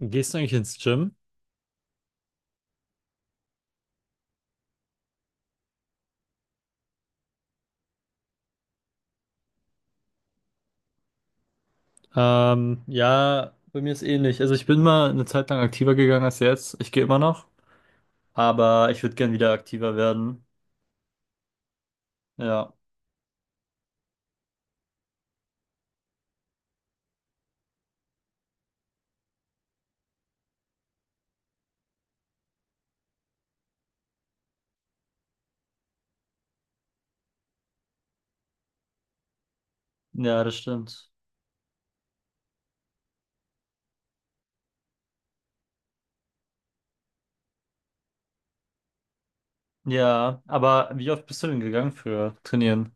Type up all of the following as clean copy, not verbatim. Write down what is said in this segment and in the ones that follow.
Gehst du eigentlich ins Gym? Ja, bei mir ist ähnlich. Also ich bin mal eine Zeit lang aktiver gegangen als jetzt. Ich gehe immer noch, aber ich würde gern wieder aktiver werden. Ja, ja, das stimmt. Ja, aber wie oft bist du denn gegangen für Trainieren?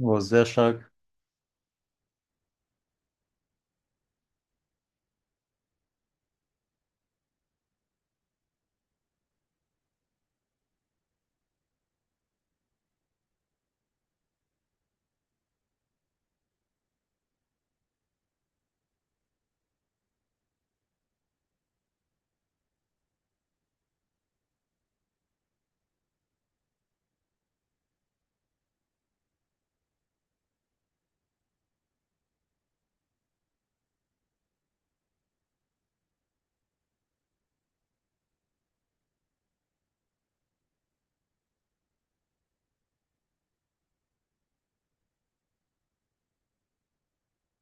Oh, sehr stark.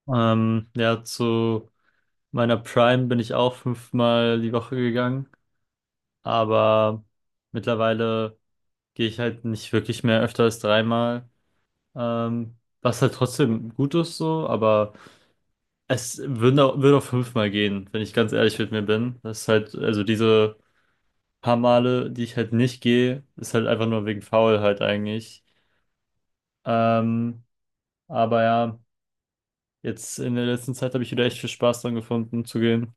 Ja, zu meiner Prime bin ich auch 5-mal die Woche gegangen, aber mittlerweile gehe ich halt nicht wirklich mehr öfter als 3-mal. Was halt trotzdem gut ist so, aber es würde auch 5-mal gehen, wenn ich ganz ehrlich mit mir bin. Das ist halt, also diese paar Male, die ich halt nicht gehe, ist halt einfach nur wegen Faulheit eigentlich. Ähm, aber ja, jetzt in der letzten Zeit habe ich wieder echt viel Spaß dran gefunden zu gehen.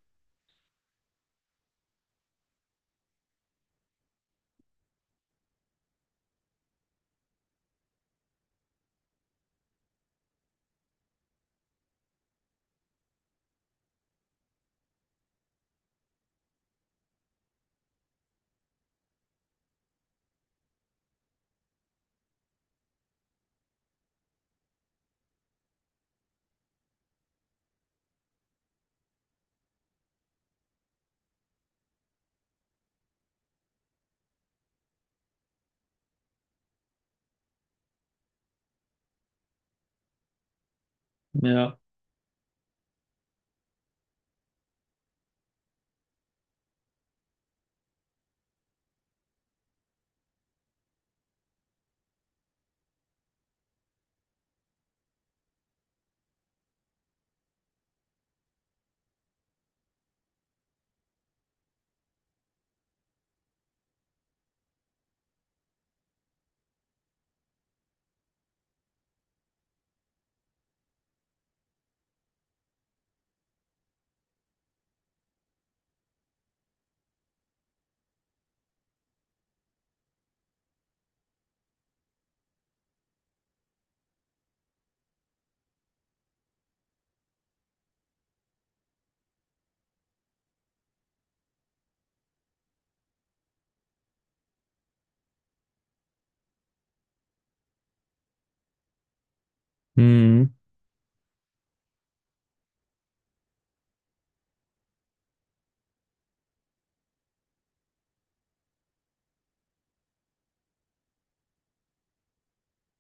Ja. Mhm.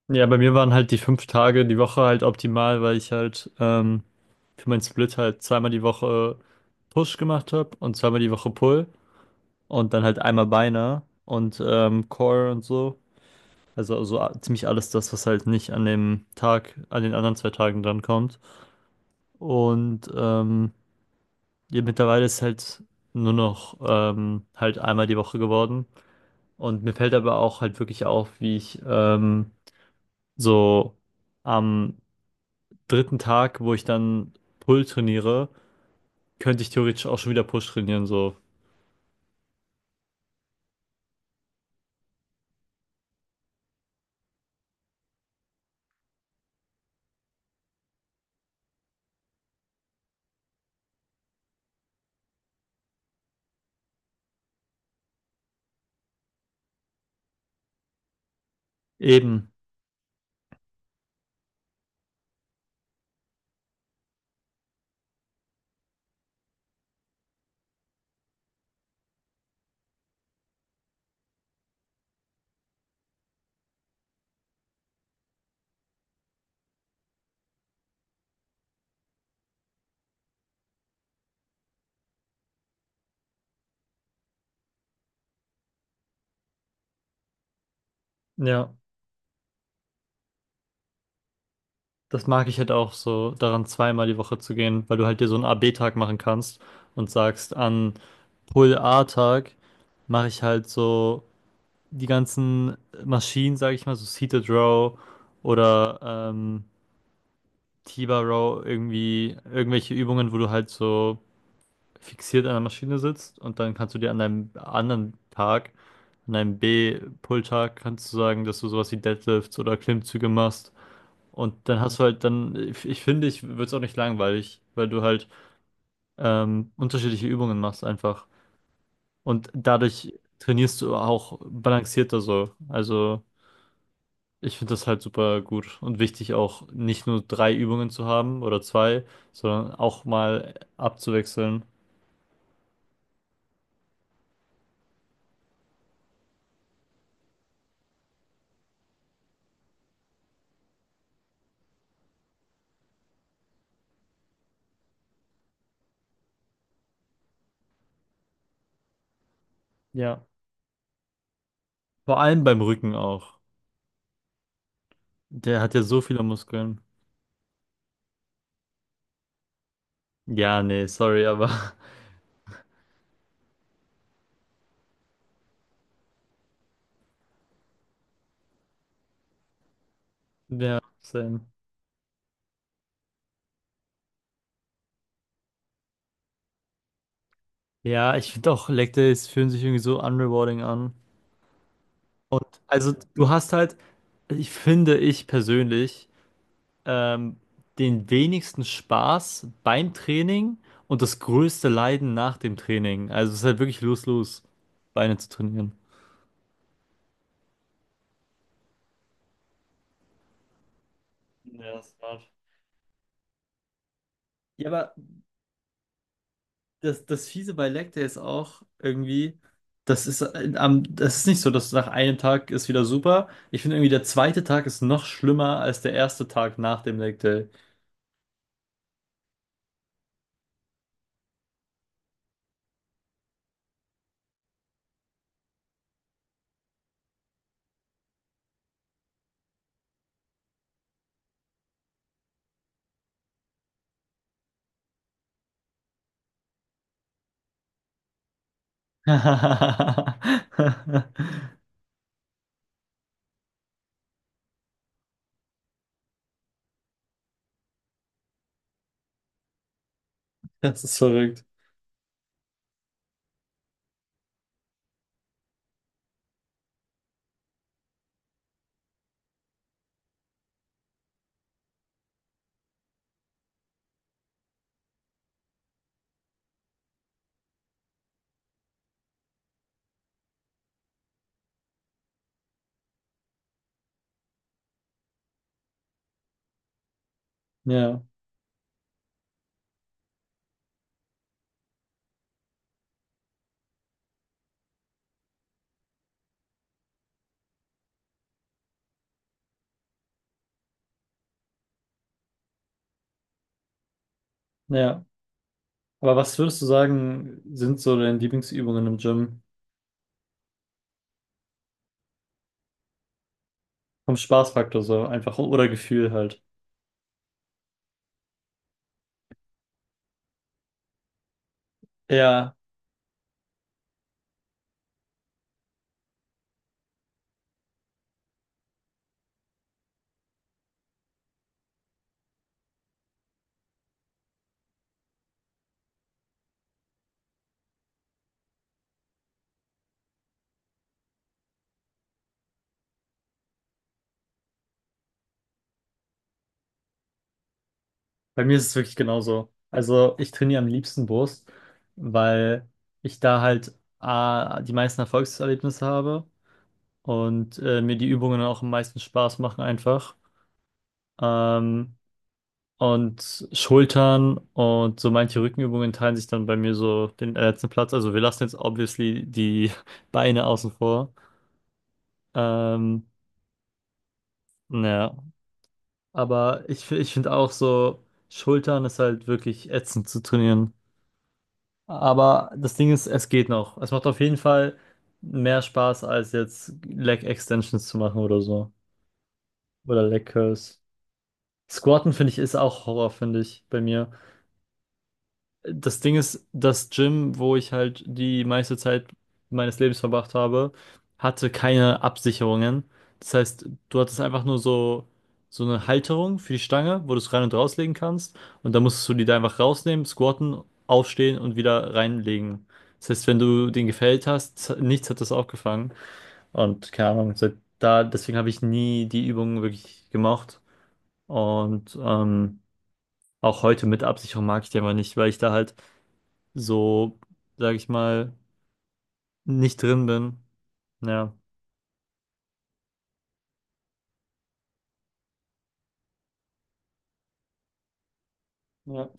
Ja, bei mir waren halt die 5 Tage die Woche halt optimal, weil ich halt für meinen Split halt 2-mal die Woche Push gemacht habe und 2-mal die Woche Pull und dann halt einmal Beine und Core und so. Also, ziemlich alles das, was halt nicht an dem Tag, an den anderen zwei Tagen drankommt. Und ja, mittlerweile ist halt nur noch halt einmal die Woche geworden. Und mir fällt aber auch halt wirklich auf, wie ich so am dritten Tag, wo ich dann Pull trainiere, könnte ich theoretisch auch schon wieder Push trainieren, so. Eben. Ja. Das mag ich halt auch so, daran 2-mal die Woche zu gehen, weil du halt dir so einen a b tag machen kannst und sagst, an Pull-A-Tag mache ich halt so die ganzen Maschinen, sage ich mal, so Seated Row oder ähm, T-Bar Row, irgendwie irgendwelche Übungen, wo du halt so fixiert an der Maschine sitzt. Und dann kannst du dir an deinem anderen Tag, an deinem B-Pull-Tag, kannst du sagen, dass du sowas wie Deadlifts oder Klimmzüge machst. Und dann hast du halt dann, ich finde, ich würde es auch nicht langweilig, weil du halt unterschiedliche Übungen machst einfach. Und dadurch trainierst du auch balancierter so. Also ich finde das halt super gut und wichtig auch nicht nur drei Übungen zu haben oder zwei, sondern auch mal abzuwechseln. Ja. Vor allem beim Rücken auch. Der hat ja so viele Muskeln. Ja, nee, sorry, aber ja, same. Ja, ich finde auch Leg Days fühlen sich irgendwie so unrewarding an. Und also du hast halt, ich finde, ich persönlich, ähm, den wenigsten Spaß beim Training und das größte Leiden nach dem Training. Also es ist halt wirklich lose-lose, Beine zu trainieren. Ja, das ist hart. Ja, aber das Fiese bei Leg Day ist auch irgendwie, das ist nicht so, dass nach einem Tag ist wieder super. Ich finde irgendwie, der zweite Tag ist noch schlimmer als der erste Tag nach dem Leg Day. Das ist verrückt. Ja, ja. Aber was würdest du sagen, sind so deine Lieblingsübungen im Gym? Vom Spaßfaktor so, einfach oder Gefühl halt. Ja, bei mir ist es wirklich genauso. Also ich trainiere am liebsten Brust, weil ich da halt A, die meisten Erfolgserlebnisse habe und mir die Übungen auch am meisten Spaß machen einfach. Ähm, und Schultern und so manche Rückenübungen teilen sich dann bei mir so den letzten Platz. Also wir lassen jetzt obviously die Beine außen vor. Ähm, ja, aber ich finde auch so, Schultern ist halt wirklich ätzend zu trainieren. Aber das Ding ist, es geht noch. Es macht auf jeden Fall mehr Spaß, als jetzt Leg Extensions zu machen oder so. Oder Leg Curls. Squatten finde ich ist auch Horror, finde ich, bei mir. Das Ding ist, das Gym, wo ich halt die meiste Zeit meines Lebens verbracht habe, hatte keine Absicherungen. Das heißt, du hattest einfach nur so, so eine Halterung für die Stange, wo du es rein und rauslegen kannst. Und dann musstest du die da einfach rausnehmen, squatten, aufstehen und wieder reinlegen. Das heißt, wenn du den gefällt hast, nichts hat das aufgefangen. Und keine Ahnung, seit da, deswegen habe ich nie die Übungen wirklich gemocht. Und auch heute mit Absicherung mag ich die einfach nicht, weil ich da halt so, sag ich mal, nicht drin bin. Ja. Ja.